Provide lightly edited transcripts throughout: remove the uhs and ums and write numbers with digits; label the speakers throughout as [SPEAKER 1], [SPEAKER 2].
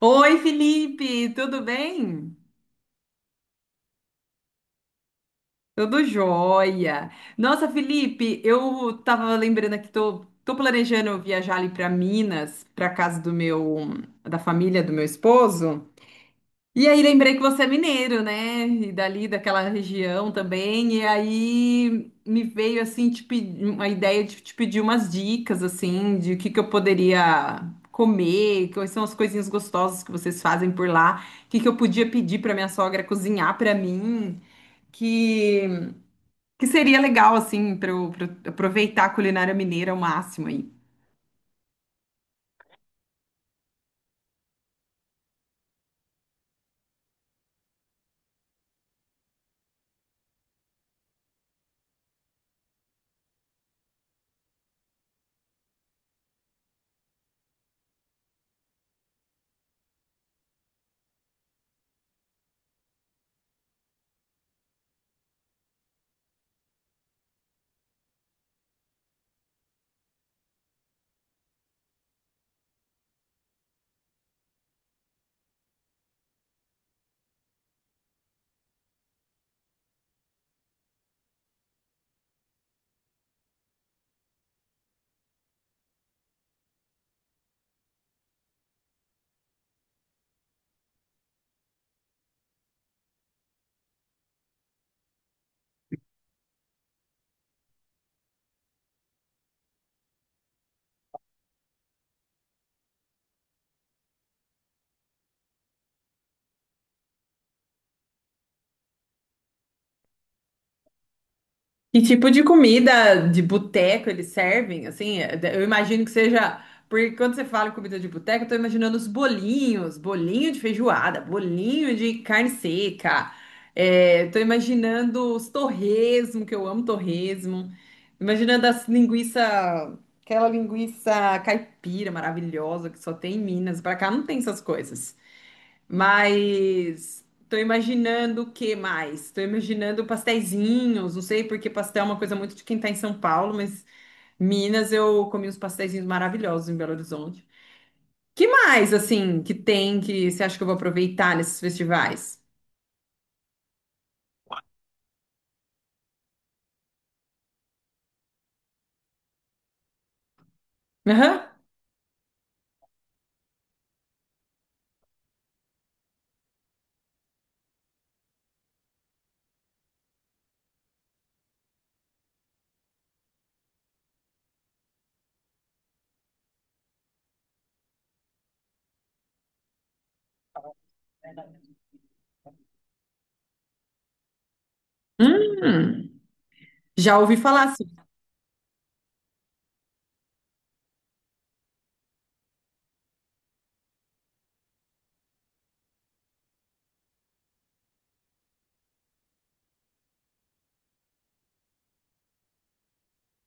[SPEAKER 1] Oi, Felipe, tudo bem? Tudo jóia. Nossa, Felipe, eu tava lembrando aqui, tô planejando viajar ali para Minas, para casa da família do meu esposo. E aí lembrei que você é mineiro, né? E dali daquela região também. E aí me veio assim uma ideia de te pedir umas dicas assim de o que que eu poderia comer, quais são as coisinhas gostosas que vocês fazem por lá, o que que eu podia pedir para minha sogra cozinhar para mim, que que seria legal assim pra eu aproveitar a culinária mineira ao máximo aí. Que tipo de comida de boteco eles servem? Assim, eu imagino que seja. Porque quando você fala em comida de boteco, eu tô imaginando os bolinhos, bolinho de feijoada, bolinho de carne seca. É, tô imaginando os torresmo, que eu amo torresmo. Imaginando as linguiça, aquela linguiça caipira maravilhosa que só tem em Minas. Pra cá não tem essas coisas. Mas tô imaginando o que mais? Tô imaginando pasteizinhos, não sei porque pastel é uma coisa muito de quem tá em São Paulo, mas Minas eu comi uns pasteizinhos maravilhosos em Belo Horizonte. Que mais, assim, que tem que você acha que eu vou aproveitar nesses festivais? Aham. Hum, já ouvi falar assim.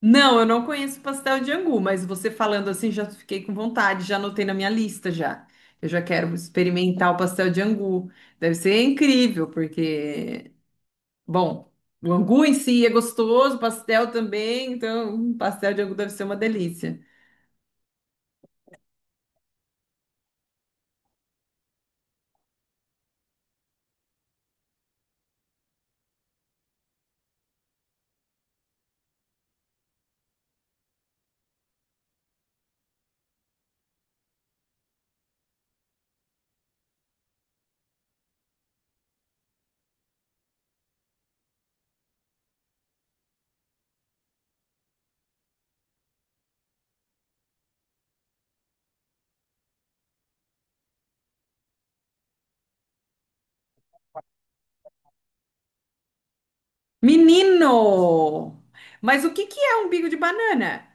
[SPEAKER 1] Não, eu não conheço pastel de angu, mas você falando assim, já fiquei com vontade, já anotei na minha lista já. Eu já quero experimentar o pastel de angu. Deve ser incrível. Porque Bom, o angu em si é gostoso, pastel também, então um pastel de angu deve ser uma delícia. Menino! Mas o que que é umbigo de banana?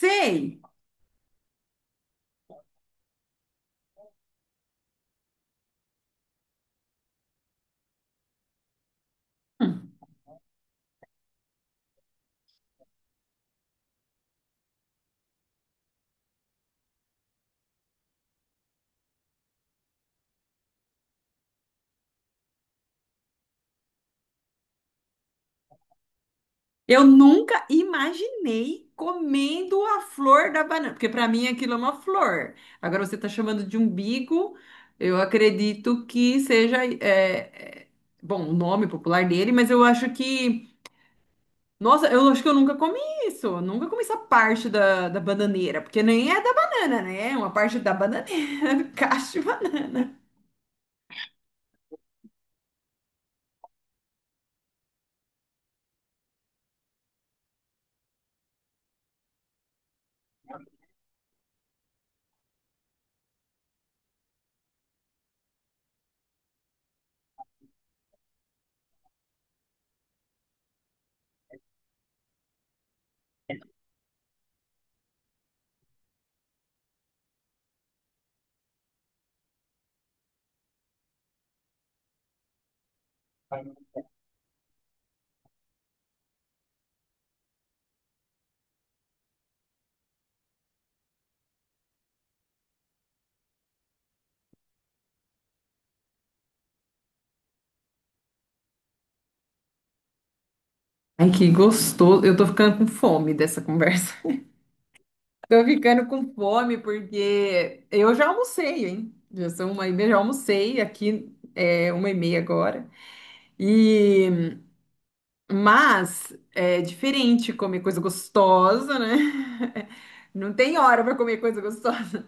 [SPEAKER 1] Sei! Eu nunca imaginei comendo a flor da banana, porque para mim aquilo é uma flor. Agora você está chamando de umbigo, eu acredito que seja, bom, o nome popular dele, mas eu acho que Nossa, eu acho que eu nunca comi isso. Eu nunca comi essa parte da bananeira, porque nem é da banana, né? É uma parte da bananeira, do cacho de banana. Ai, que gostoso. Eu tô ficando com fome dessa conversa. Tô ficando com fome porque eu já almocei, hein? Já são 1h30, já almocei aqui, é 1h30 agora. E Mas é diferente comer coisa gostosa, né? Não tem hora para comer coisa gostosa.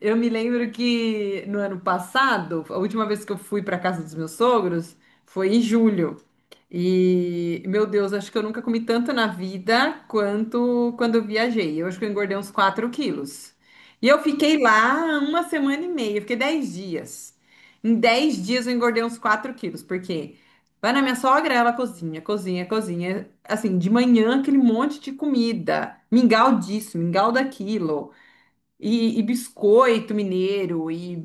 [SPEAKER 1] Eu me lembro que no ano passado, a última vez que eu fui para casa dos meus sogros foi em julho. E, meu Deus, acho que eu nunca comi tanto na vida quanto quando eu viajei. Eu acho que eu engordei uns 4 quilos. E eu fiquei lá uma semana e meia, eu fiquei 10 dias. Em 10 dias eu engordei uns 4 quilos, porque vai na minha sogra, ela cozinha, cozinha, cozinha. Assim, de manhã aquele monte de comida, mingau disso, mingau daquilo. E biscoito mineiro.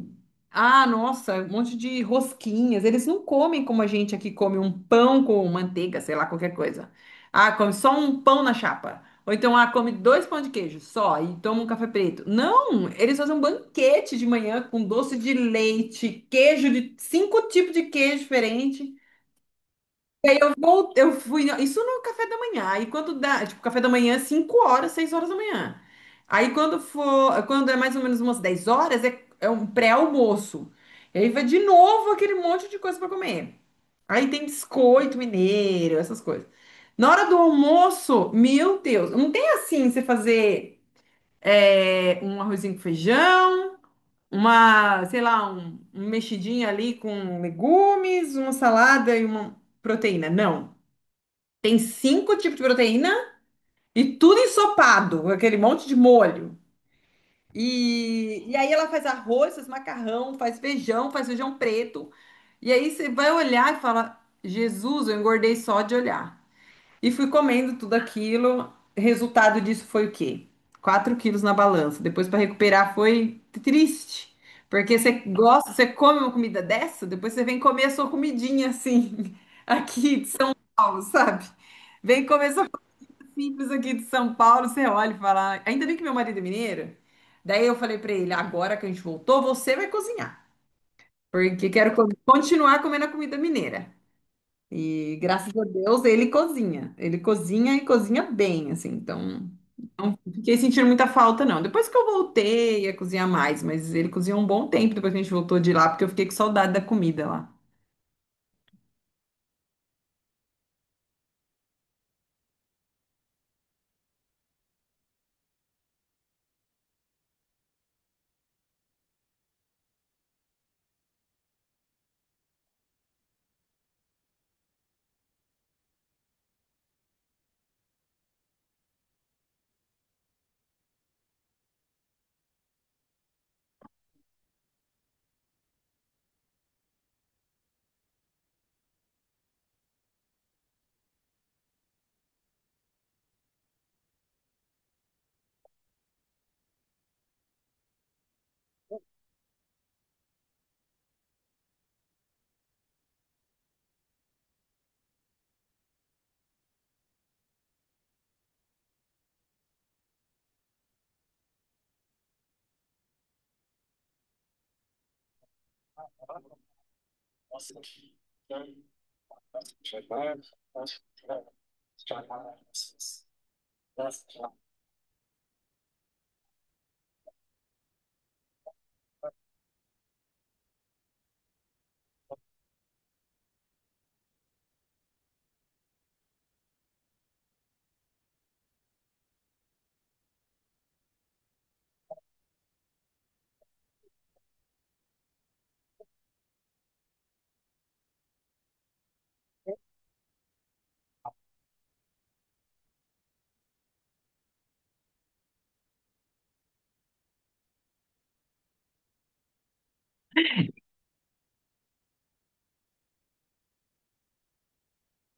[SPEAKER 1] Ah, nossa, um monte de rosquinhas. Eles não comem como a gente aqui come um pão com manteiga, sei lá, qualquer coisa. Ah, come só um pão na chapa. Ou então, ah, come dois pão de queijo só e toma um café preto. Não, eles fazem um banquete de manhã com doce de leite, queijo de cinco tipos de queijo diferente. Bom, eu fui. Isso no café da manhã. Aí quando dá, tipo, café da manhã, 5 horas, 6 horas da manhã. Aí quando for, quando é mais ou menos umas 10 horas, é, é um pré-almoço. E aí vai de novo aquele monte de coisa para comer. Aí tem biscoito mineiro, essas coisas. Na hora do almoço, meu Deus, não tem assim você fazer é, um arrozinho com feijão, uma, sei lá, um mexidinho ali com legumes, uma salada e uma proteína. Não. Tem cinco tipos de proteína e tudo ensopado, aquele monte de molho. E aí ela faz arroz, faz macarrão, faz feijão preto. E aí você vai olhar e fala: Jesus, eu engordei só de olhar. E fui comendo tudo aquilo. Resultado disso foi o quê? 4 quilos na balança. Depois para recuperar foi triste. Porque você gosta, você come uma comida dessa, depois você vem comer a sua comidinha assim, aqui de São Paulo, sabe? Vem comer simples aqui de São Paulo, você olha e fala. Ainda bem que meu marido é mineiro. Daí eu falei pra ele: agora que a gente voltou, você vai cozinhar. Porque quero continuar comendo a comida mineira. E graças a Deus ele cozinha. Ele cozinha e cozinha bem, assim. Então, não fiquei sentindo muita falta, não. Depois que eu voltei a cozinhar mais, mas ele cozinhou um bom tempo depois que a gente voltou de lá, porque eu fiquei com saudade da comida lá.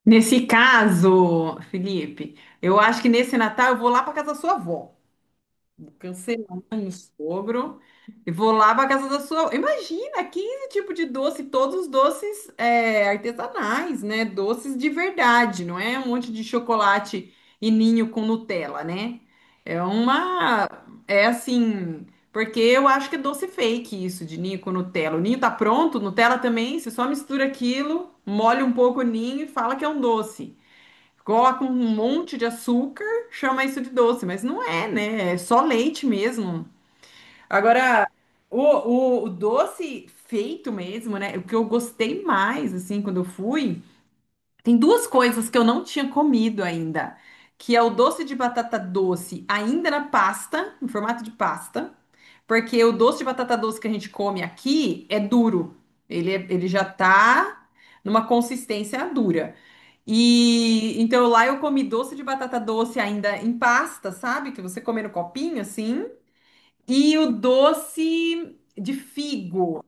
[SPEAKER 1] Nesse caso, Felipe, eu acho que nesse Natal eu vou lá pra casa da sua avó. Vou cancelar meu sogro e vou lá para casa da sua. Imagina, 15 tipos de doce, todos os doces é, artesanais, né? Doces de verdade, não é um monte de chocolate e ninho com Nutella, né? É uma. É assim. Porque eu acho que é doce fake isso de ninho com Nutella. O ninho tá pronto, Nutella também. Você só mistura aquilo, molha um pouco o ninho e fala que é um doce. Coloca um monte de açúcar, chama isso de doce, mas não é, né? É só leite mesmo. Agora, o doce feito mesmo, né? O que eu gostei mais, assim, quando eu fui, tem duas coisas que eu não tinha comido ainda, que é o doce de batata doce, ainda na pasta, em formato de pasta, porque o doce de batata doce que a gente come aqui é duro. Ele, ele já tá numa consistência dura. E então lá eu comi doce de batata doce ainda em pasta, sabe? Que você come no copinho assim. E o doce de figo.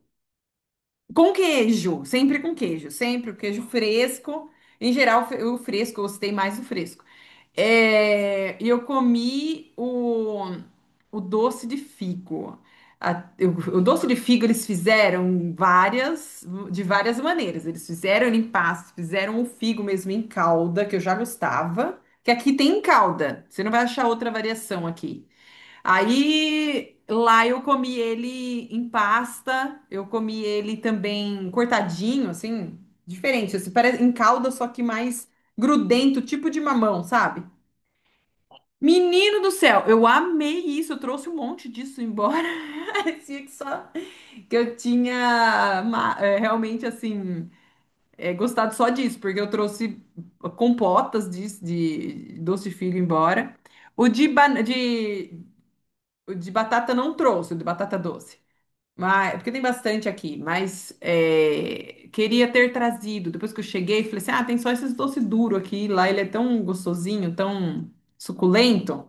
[SPEAKER 1] Com queijo, sempre o queijo fresco. Em geral, o fresco, eu gostei mais do fresco. É, e eu comi o doce de figo. A- o doce de figo eles fizeram várias, de várias maneiras. Eles fizeram em pastos, fizeram o figo mesmo em calda, que eu já gostava. Que aqui tem em calda. Você não vai achar outra variação aqui. Aí lá eu comi ele em pasta, eu comi ele também cortadinho, assim, diferente, assim, parece em calda, só que mais grudento, tipo de mamão, sabe? Menino do céu, eu amei isso, eu trouxe um monte disso embora. Parecia que só que eu tinha realmente assim gostado só disso, porque eu trouxe compotas disso, de doce de figo embora. O de, ban- de o de batata não trouxe, o de batata doce. Mas, porque tem bastante aqui, mas é, queria ter trazido. Depois que eu cheguei, falei assim: ah, tem só esses doce duro aqui. Lá ele é tão gostosinho, tão suculento.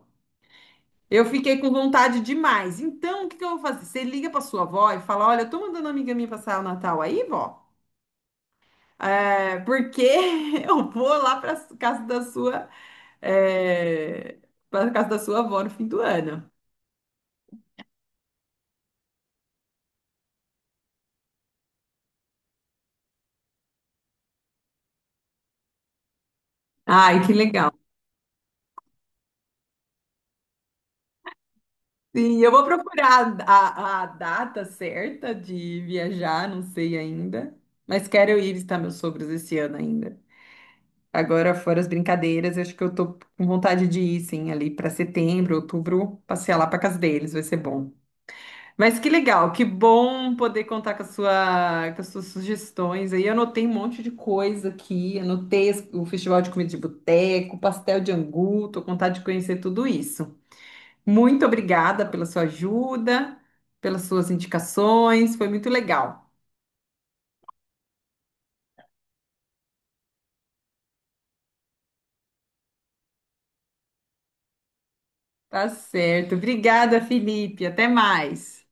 [SPEAKER 1] Eu fiquei com vontade demais. Então, o que que eu vou fazer? Você liga pra sua avó e fala: olha, eu tô mandando uma amiga minha passar o Natal aí, vó, porque eu vou lá pra casa da sua, é, pra casa da sua avó no fim do ano. Ai, que legal. Sim, eu vou procurar a data certa de viajar, não sei ainda. Mas quero ir visitar meus sogros esse ano ainda. Agora, fora as brincadeiras, eu acho que eu tô com vontade de ir, sim, ali para setembro, outubro, passear lá para casa deles, vai ser bom. Mas que legal, que bom poder contar com a sua, com as suas sugestões. Aí eu anotei um monte de coisa aqui, anotei o Festival de Comida de Boteco, pastel de angu, tô com vontade de conhecer tudo isso. Muito obrigada pela sua ajuda, pelas suas indicações, foi muito legal. Tá certo. Obrigada, Felipe. Até mais.